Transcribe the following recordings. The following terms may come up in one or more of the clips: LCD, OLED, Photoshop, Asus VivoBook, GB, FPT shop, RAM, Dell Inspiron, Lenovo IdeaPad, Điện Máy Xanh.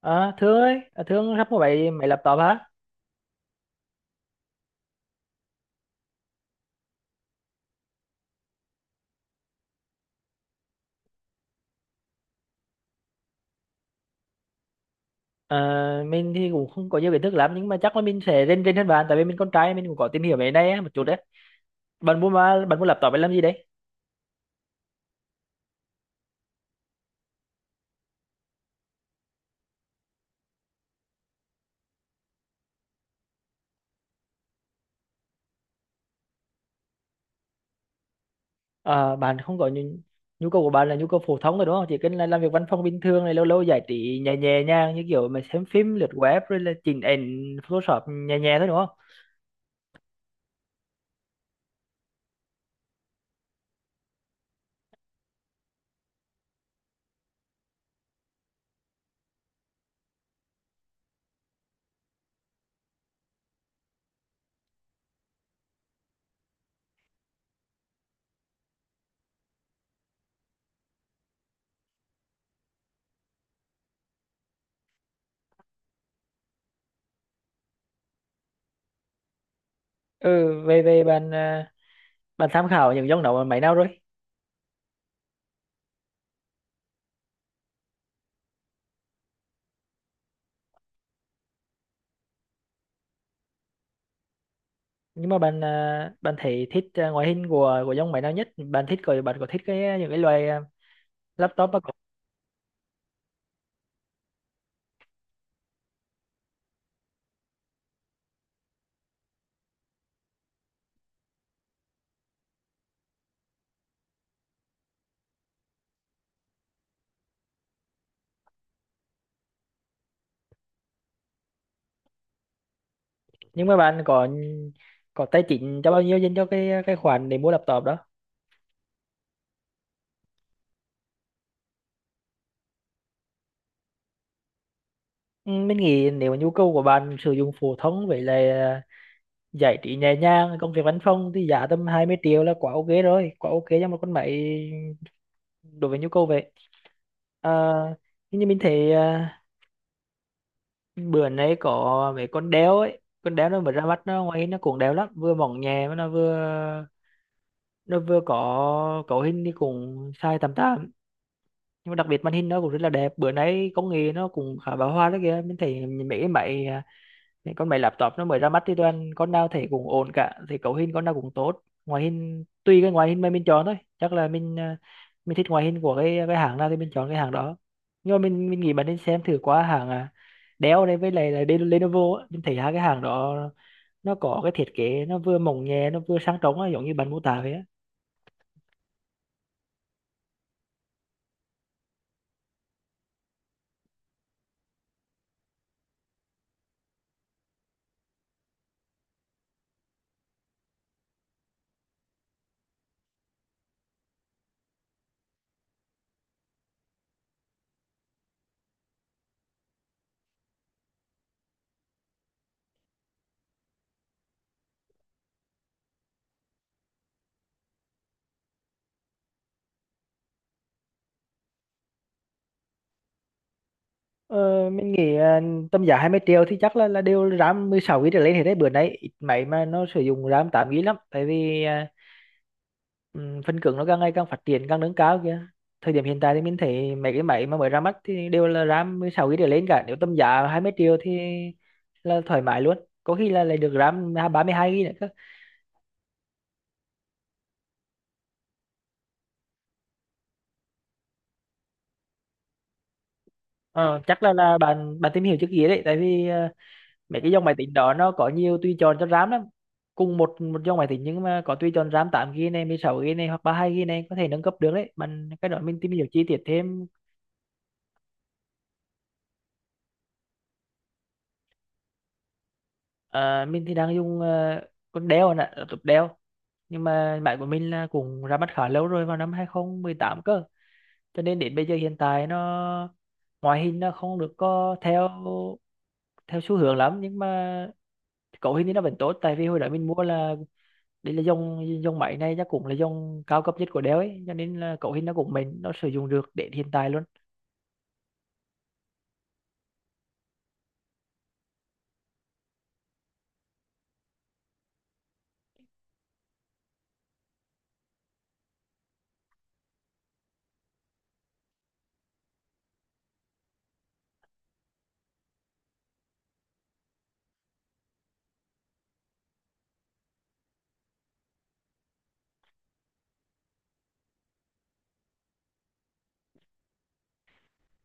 Ờ, Thương ơi, Thương sắp có 7 máy laptop hả? Ờ, mình thì cũng không có nhiều kiến thức lắm nhưng mà chắc là mình sẽ rên rên hơn bạn tại vì mình con trai mình cũng có tìm hiểu về cái này á, một chút đấy. Bạn mua mà bạn mua laptop để làm gì đấy? Ờ, Bạn không có nhu, nhu cầu của bạn là nhu cầu phổ thông rồi đúng không? Chỉ cần là làm việc văn phòng bình thường này lâu lâu giải trí nhẹ nhẹ nhàng như kiểu mà xem phim lướt web rồi là chỉnh ảnh Photoshop nhẹ nhẹ thôi đúng không? Ừ, về về bạn bạn tham khảo những dòng đó máy nào rồi? Nhưng mà bạn bạn thấy thích ngoại hình của dòng máy nào nhất bạn thích có bạn có thích cái những cái loại laptop đó không? Nhưng mà bạn có có tài chính cho bao nhiêu dành cho cái khoản để mua laptop đó. Ừ, mình nghĩ nếu mà nhu cầu của bạn sử dụng phổ thông với lại giải trí nhẹ nhàng công việc văn phòng thì giá tầm 20 triệu là quá ok rồi, quá ok cho một con máy đối với nhu cầu vậy. à, nhưng như mình thấy bữa nay có mấy con đéo ấy, con đéo nó mới ra mắt nó ngoài nó cũng đéo lắm, vừa mỏng nhẹ mà nó vừa có cấu hình thì cũng sai tầm tám, nhưng mà đặc biệt màn hình nó cũng rất là đẹp. Bữa nay công nghệ nó cũng khá bão hòa đó kìa, mình thấy mấy cái máy những con máy laptop nó mới ra mắt thì toàn con nào thấy cũng ổn cả, thì cấu hình con nào cũng tốt, ngoại hình tùy cái ngoại hình mà mình chọn thôi. Chắc là mình thích ngoại hình của cái hãng nào thì mình chọn cái hãng đó. Nhưng mà mình nghĩ bạn nên xem thử qua hãng Dell này với lại là Lenovo á. Mình thấy hai cái hãng đó nó có cái thiết kế nó vừa mỏng nhẹ nó vừa sang trống á, giống như bạn mô tả vậy á. Ờ, mình nghĩ à, Tầm giá 20 triệu thì chắc là đều RAM 16 GB trở lên hết đấy, bữa nay ít máy mà nó sử dụng RAM 8 GB lắm, tại vì phân cứng nó càng ngày càng phát triển càng nâng cao kìa. Thời điểm hiện tại thì mình thấy mấy cái máy mà mới ra mắt thì đều là RAM 16 GB trở lên cả, nếu tầm giá 20 triệu thì là thoải mái luôn, có khi là lại được RAM 32 GB nữa cơ. Ờ, Chắc là bạn bạn tìm hiểu trước kia đấy, tại vì mấy cái dòng máy tính đó nó có nhiều tùy chọn cho RAM lắm. Cùng một một dòng máy tính nhưng mà có tùy chọn RAM 8 GB này, 16 GB này, hoặc 32 GB này, có thể nâng cấp được đấy bạn. Cái đó mình tìm hiểu chi tiết thêm. Mình đang dùng con Dell nè, laptop Dell, nhưng mà máy của mình là cũng ra mắt khá lâu rồi, vào năm 2018 cơ, cho nên đến bây giờ hiện tại nó ngoại hình nó không được có theo theo xu hướng lắm, nhưng mà cấu hình thì nó vẫn tốt. Tại vì hồi đó mình mua là đây là dòng dòng máy này chắc cũng là dòng cao cấp nhất của Dell ấy, cho nên là cấu hình nó cũng nó sử dụng được đến hiện tại luôn.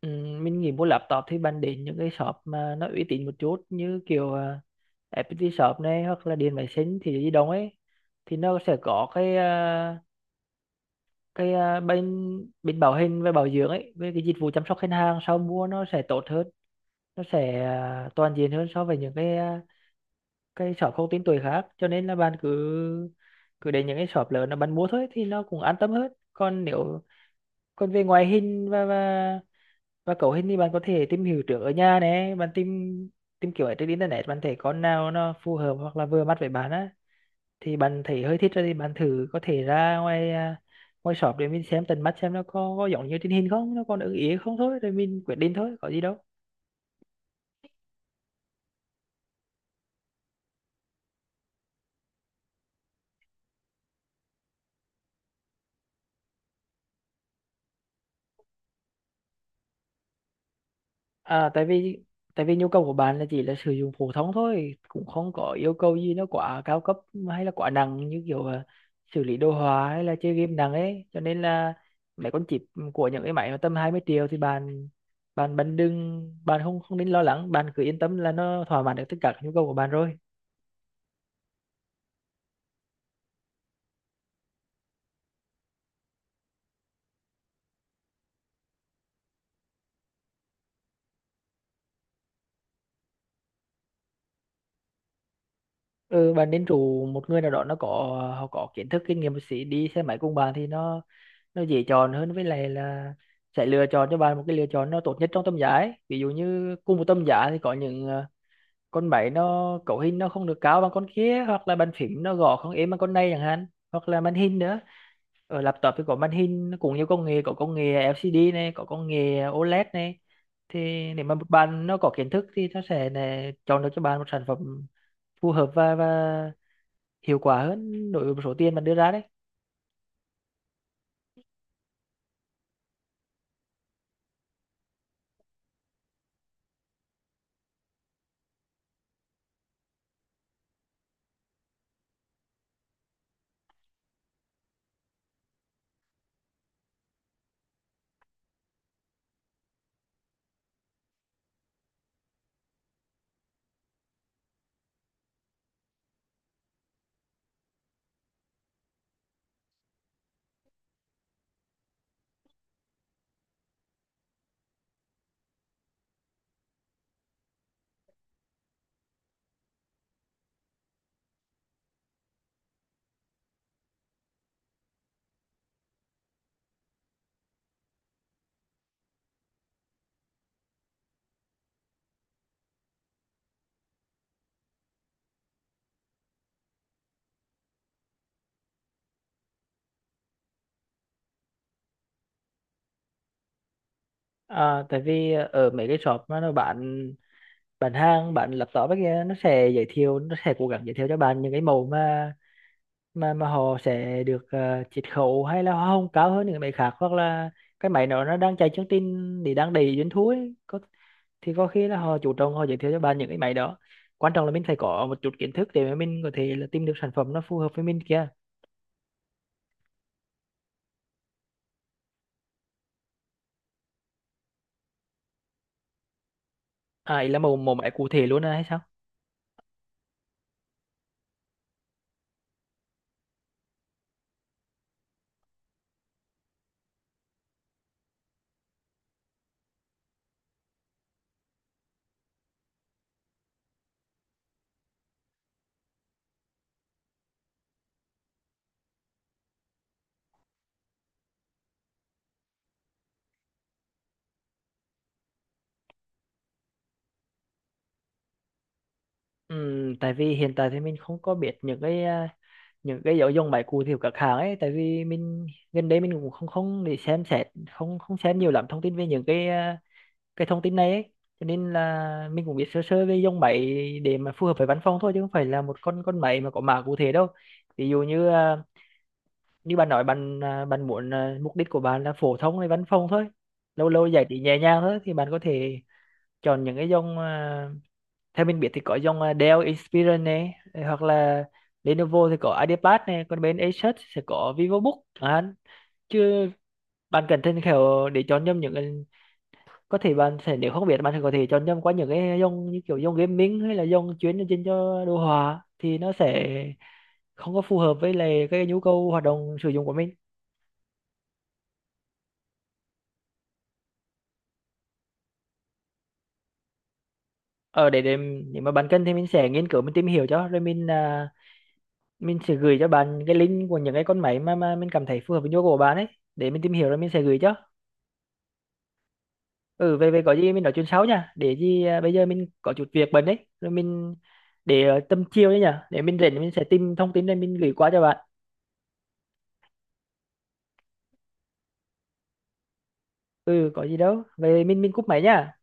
Ừ, mình nghĩ mua laptop thì bạn đến những cái shop mà nó uy tín một chút, như kiểu FPT shop này hoặc là Điện Máy Xanh thì gì đồng ấy, thì nó sẽ có cái à, bên bên bảo hành và bảo dưỡng ấy, với cái dịch vụ chăm sóc khách hàng sau mua nó sẽ tốt hơn, nó sẽ toàn diện hơn so với những cái shop không tên tuổi khác. Cho nên là bạn cứ cứ đến những cái shop lớn là bạn mua thôi thì nó cũng an tâm hơn. Còn nếu còn về ngoại hình và cấu hình thì bạn có thể tìm hiểu trước ở nhà này, bạn tìm tìm kiểu ở trên internet, bạn thấy con nào nó phù hợp hoặc là vừa mắt với bạn á, thì bạn thấy hơi thích rồi thì bạn thử có thể ra ngoài ngoài shop để mình xem tận mắt xem nó có giống như trên hình không, nó còn ưng ý không, thôi rồi mình quyết định thôi, có gì đâu. à tại vì Tại vì nhu cầu của bạn là chỉ là sử dụng phổ thông thôi, cũng không có yêu cầu gì nó quá cao cấp hay là quá nặng như kiểu xử lý đồ họa hay là chơi game nặng ấy, cho nên là mấy con chip của những cái máy mà tầm 20 triệu thì bạn bạn bạn đừng bạn không không nên lo lắng, bạn cứ yên tâm là nó thỏa mãn được tất cả các nhu cầu của bạn rồi. Ừ, bạn nên rủ một người nào đó nó có họ có kiến thức kinh nghiệm một xí đi xe máy cùng bạn thì nó dễ chọn hơn, với lại là sẽ lựa chọn cho bạn một cái lựa chọn nó tốt nhất trong tầm giá ấy. Ví dụ như cùng một tầm giá thì có những con máy nó cấu hình nó không được cao bằng con kia, hoặc là bàn phím nó gõ không êm bằng con này chẳng hạn, hoặc là màn hình nữa. Ở laptop thì có màn hình nó cũng nhiều công nghệ, có công nghệ LCD này, có công nghệ OLED này, thì nếu mà một bạn nó có kiến thức thì nó sẽ chọn được cho bạn một sản phẩm phù hợp và hiệu quả hơn đối với một số tiền bạn đưa ra đấy. Tại vì ở mấy cái shop mà nó bán hàng bán laptop ấy kia, nó sẽ giới thiệu, nó sẽ cố gắng giới thiệu cho bạn những cái mẫu mà họ sẽ được chiết khấu hay là hoa hồng cao hơn những cái máy khác, hoặc là cái máy đó nó đang chạy chương trình thì đang đầy doanh thu ấy thì có khi là họ chủ động họ giới thiệu cho bạn những cái máy đó. Quan trọng là mình phải có một chút kiến thức để mà mình có thể là tìm được sản phẩm nó phù hợp với mình kia. À ý là mẫu mẫu máy cụ thể luôn à hay sao? Tại vì hiện tại thì mình không có biết những những cái nội dung bài cụ thể của các hãng ấy, tại vì mình gần đây mình cũng không không để xem xét, không không xem nhiều lắm thông tin về những cái thông tin này ấy. Cho nên là mình cũng biết sơ sơ về dòng máy để mà phù hợp với văn phòng thôi, chứ không phải là một con máy mà có mã cụ thể đâu. Ví dụ như như bạn nói bạn muốn mục đích của bạn là phổ thông hay văn phòng thôi, lâu lâu giải trí nhẹ nhàng thôi, thì bạn có thể chọn những cái dòng theo mình biết thì có dòng Dell Inspiron này, hoặc là Lenovo thì có IdeaPad này, còn bên Asus sẽ có VivoBook chẳng chứ bạn cần thêm kiểu để chọn nhầm những cái, có thể bạn sẽ nếu không biết bạn sẽ có thể chọn nhầm qua những cái dòng như kiểu dòng gaming hay là dòng chuyên dành cho đồ họa, thì nó sẽ không có phù hợp với lại cái nhu cầu hoạt động sử dụng của mình. Ở để nếu mà bạn cần thì mình sẽ nghiên cứu mình tìm hiểu cho, rồi mình sẽ gửi cho bạn cái link của những cái con máy mà mình cảm thấy phù hợp với nhu cầu của bạn ấy, để mình tìm hiểu rồi mình sẽ gửi cho. Ừ về về có gì mình nói chuyện sau nha, bây giờ mình có chút việc bận đấy, rồi mình để tầm chiều đấy nhá, để mình rảnh mình sẽ tìm thông tin rồi mình gửi qua cho bạn. Ừ có gì đâu, về mình cúp máy nha.